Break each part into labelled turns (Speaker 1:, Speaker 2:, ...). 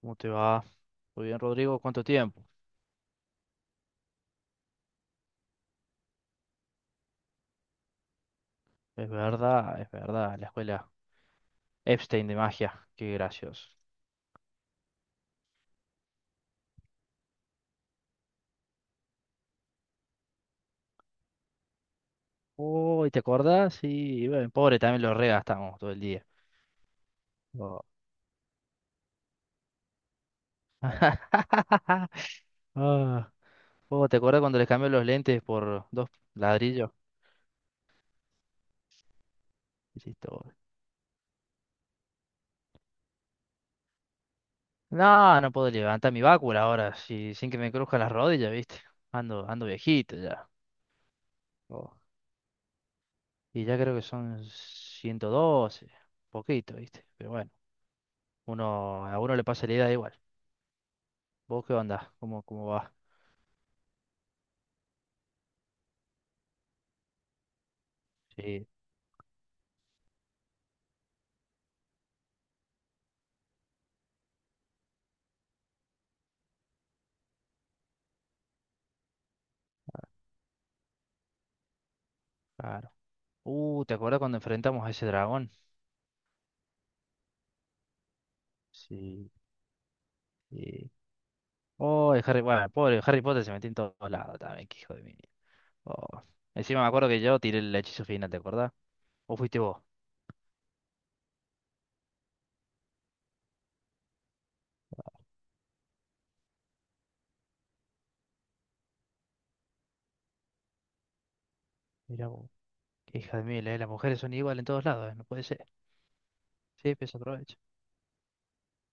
Speaker 1: ¿Cómo te va? Muy bien, Rodrigo. ¿Cuánto tiempo? Es verdad, es verdad. La escuela Epstein de magia. Qué gracioso. Uy, ¿te acordás? Sí, bueno, pobre, también lo regastamos todo el día. Oh. Ah. Oh, ¿te acuerdas cuando les cambió los lentes por dos ladrillos? Hiciste, oh. No, no puedo levantar mi bácula ahora, sin que me cruzcan las rodillas, ¿viste? Ando viejito ya. Oh. Y ya creo que son 112, poquito, ¿viste? Pero bueno. A uno le pasa la idea igual. ¿Vos qué onda? ¿Cómo va? Sí, claro. ¿Te acuerdas cuando enfrentamos a ese dragón? Sí. Sí. Oh, el Harry, bueno, pobre Harry Potter se metió en todos lados también, qué hijo de mí. Oh. Encima me acuerdo que yo tiré el hechizo final, ¿te acordás? ¿O fuiste vos? Mira vos, qué hija de mil, las mujeres son iguales en todos lados, no puede ser. Sí, pues aprovecha.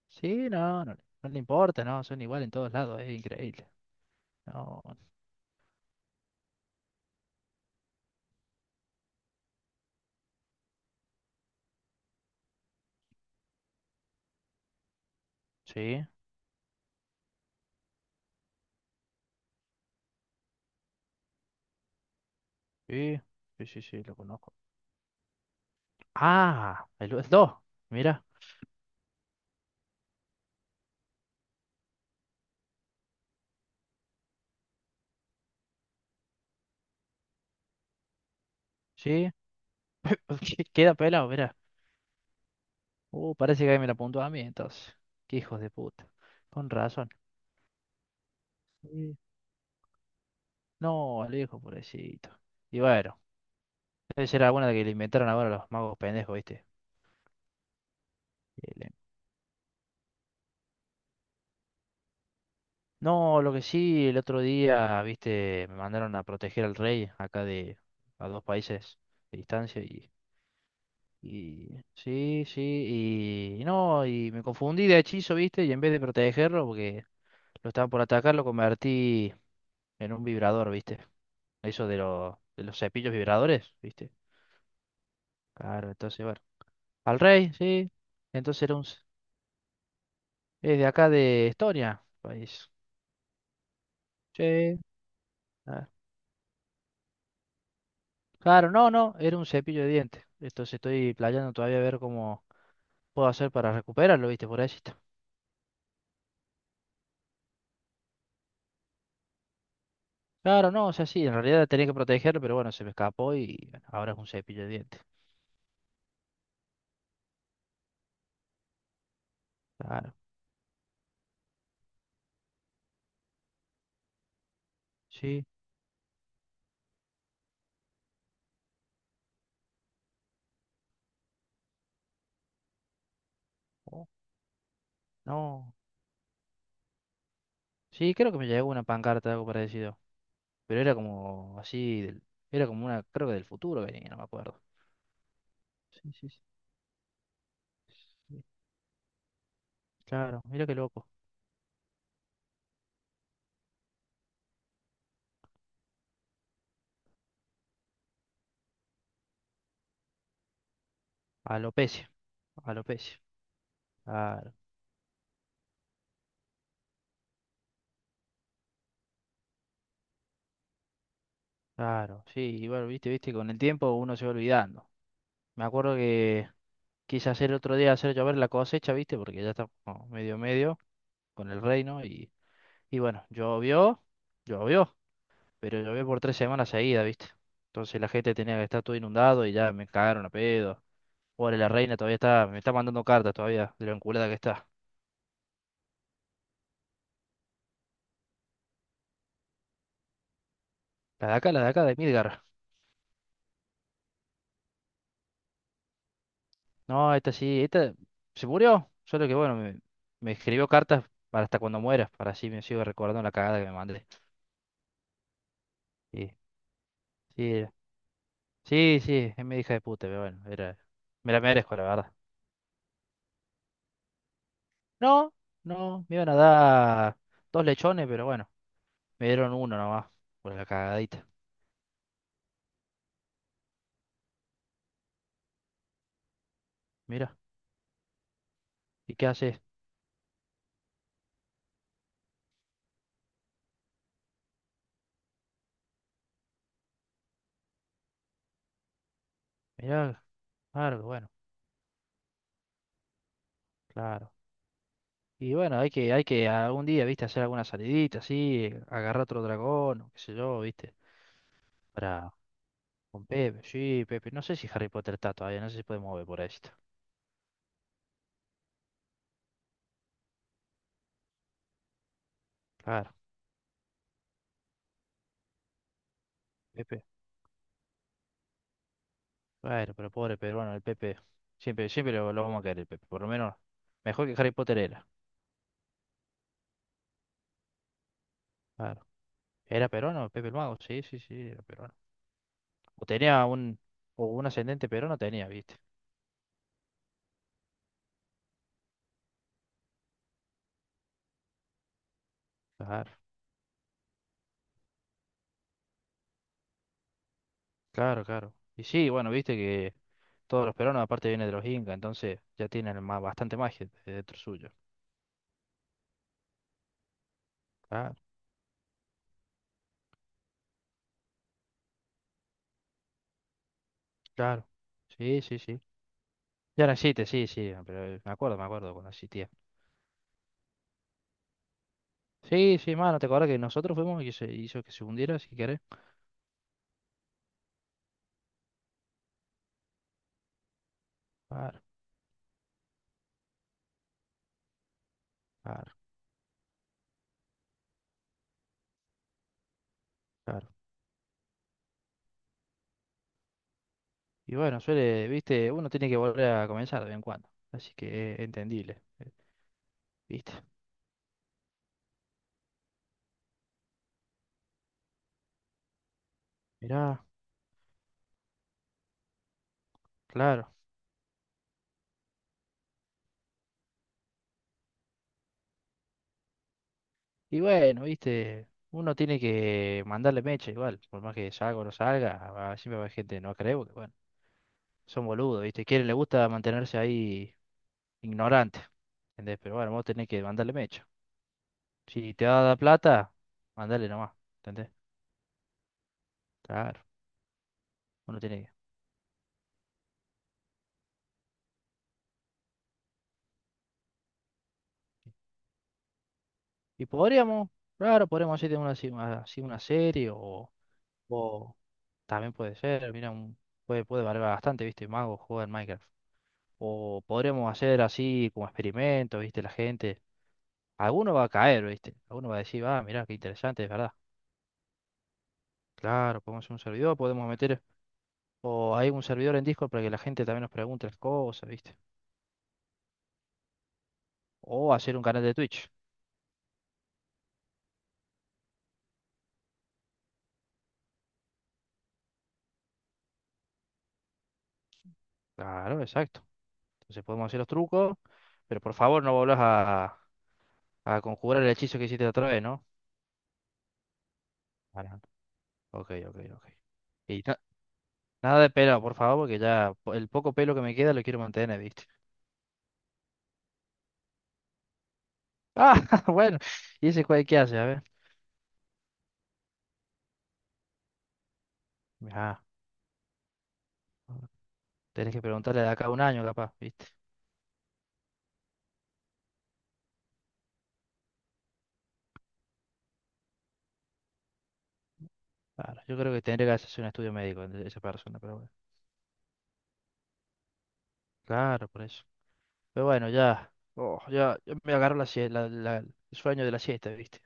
Speaker 1: Sí, no, no, no le importa, no, son iguales en todos lados, es increíble. No, sí, sí, sí, sí, sí, lo conozco. Ah, el 2. Mira, sí. Queda pelado, mira. Parece que ahí me la apuntó a mí entonces. Qué hijos de puta. Con razón. Sí. No, Alejo, pobrecito. Y bueno, debe ser alguna que le inventaron ahora los magos pendejos, ¿viste? Y le- No, lo que sí, el otro día, ¿viste? Me mandaron a proteger al rey acá de a dos países de distancia y. Y sí, sí, y no, y me confundí de hechizo, ¿viste? Y en vez de protegerlo, porque lo estaba por atacar, lo convertí en un vibrador, ¿viste? Eso de, de los cepillos vibradores, ¿viste? Claro, entonces, bueno. Al rey, sí. Entonces era un... c- Es de acá de Estonia, país. Sí. ah, Claro, no, no, era un cepillo de dientes. Entonces estoy playando todavía a ver cómo puedo hacer para recuperarlo, ¿viste? Por ahí sí está. Claro, no, o sea, sí, en realidad tenía que protegerlo, pero bueno, se me escapó y bueno, ahora es un cepillo de dientes. Claro, sí. Oh, no. Sí, creo que me llegó una pancarta, algo parecido. Pero era como así, era como una, creo que del futuro venía, no me acuerdo. Sí, sí, sí. Sí. Claro, mira qué loco. Alopecia, alopecia. Claro, claro. Sí, igual, viste, viste, con el tiempo uno se va olvidando. Me acuerdo que quise hacer otro día, hacer llover la cosecha, viste, porque ya está como medio medio con el reino y bueno, llovió, llovió, pero llovió por 3 semanas seguidas, viste. Entonces la gente tenía que estar todo inundado y ya me cagaron a pedo. Pobre la reina, todavía está, me está mandando cartas todavía de lo enculada que está. La de acá, de Midgar. No, esta sí, esta se murió. Solo que bueno, me escribió cartas para hasta cuando muera, para así me sigo recordando la cagada que me mandé. Sí, sí, sí, sí, es mi hija de puta, pero bueno, era, me la merezco, la verdad. No, no, me iban a dar dos lechones, pero bueno, me dieron uno nomás, por la cagadita. Mira, ¿y qué haces? Mira, claro, bueno, claro. Y bueno, hay que algún día, viste, hacer alguna salidita así, agarrar otro dragón, o qué sé yo, viste, para con Pepe, sí, Pepe, no sé si Harry Potter está todavía, no sé si puede mover por ahí. Claro, Pepe, bueno, pero pobre peruano, el Pepe, siempre, siempre lo vamos a querer, el Pepe, por lo menos, mejor que Harry Potter era, claro. ¿Era peruano, Pepe el Mago? Sí, sí, sí, era peruano. O tenía un, o un ascendente peruano tenía, viste. Claro, claro, claro. Y sí, bueno, viste que todos los peruanos aparte vienen de los incas, entonces ya tienen bastante magia dentro suyo. Claro, claro. Sí, sí, sí. Ya no existe, sí, sí, pero me acuerdo cuando existía. Sí, sí, mano, te acuerdas que nosotros fuimos y se hizo que se hundiera, si querés. Claro, claro, claro. Y bueno, suele, viste, uno tiene que volver a comenzar de vez en cuando. Así que es entendible, viste. Mirá, claro. Y bueno, viste, uno tiene que mandarle mecha igual, por más que salga o no salga, siempre va a haber gente que no creo, son boludos, ¿viste? Quieren, les gusta mantenerse ahí ignorantes, ¿entendés? Pero bueno, vos tenés que mandarle mecha. Si te va a dar plata, mandale nomás, ¿entendés? Claro, uno tiene que... Y podríamos, claro, podríamos hacer una, así una así una serie o, también puede ser, mira, puede valer bastante, ¿viste? Mago juega en Minecraft. O podríamos hacer así como experimentos, ¿viste? La gente... Alguno va a caer, ¿viste? Alguno va a decir, ah, mirá, qué interesante, es verdad. Claro, podemos hacer un servidor, podemos meter. O hay un servidor en Discord para que la gente también nos pregunte las cosas, ¿viste? O hacer un canal de Twitch. Claro, exacto. Entonces podemos hacer los trucos, pero por favor no volvás a conjurar el hechizo que hiciste la otra vez, ¿no? Ah, no. Ok, ok, ok. Y na- Nada de pelo, por favor, porque ya el poco pelo que me queda lo quiero mantener, ¿viste? Ah, bueno. ¿Y ese cuál qué hace? A ver. Ah, tenés que preguntarle de acá a un año, capaz, ¿viste? Claro, yo creo que tendría que hacerse un estudio médico de esa persona, pero bueno. Claro, por eso. Pero bueno, ya, oh, ya me agarro la, sie- la- la- el sueño de la siesta, ¿viste?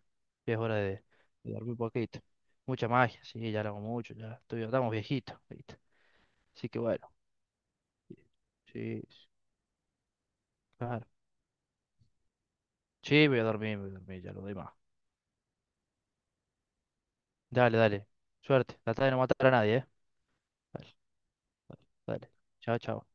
Speaker 1: Ya es hora de dormir poquito. Mucha magia, sí, ya lo hago mucho, estamos viejitos, ¿viste? Así que bueno, sí, sí, sí, claro. Sí, voy a dormir, ya lo doy más. Dale, dale. Suerte, trata de no matar a nadie, ¿eh? Dale, dale, dale. Chao, chao.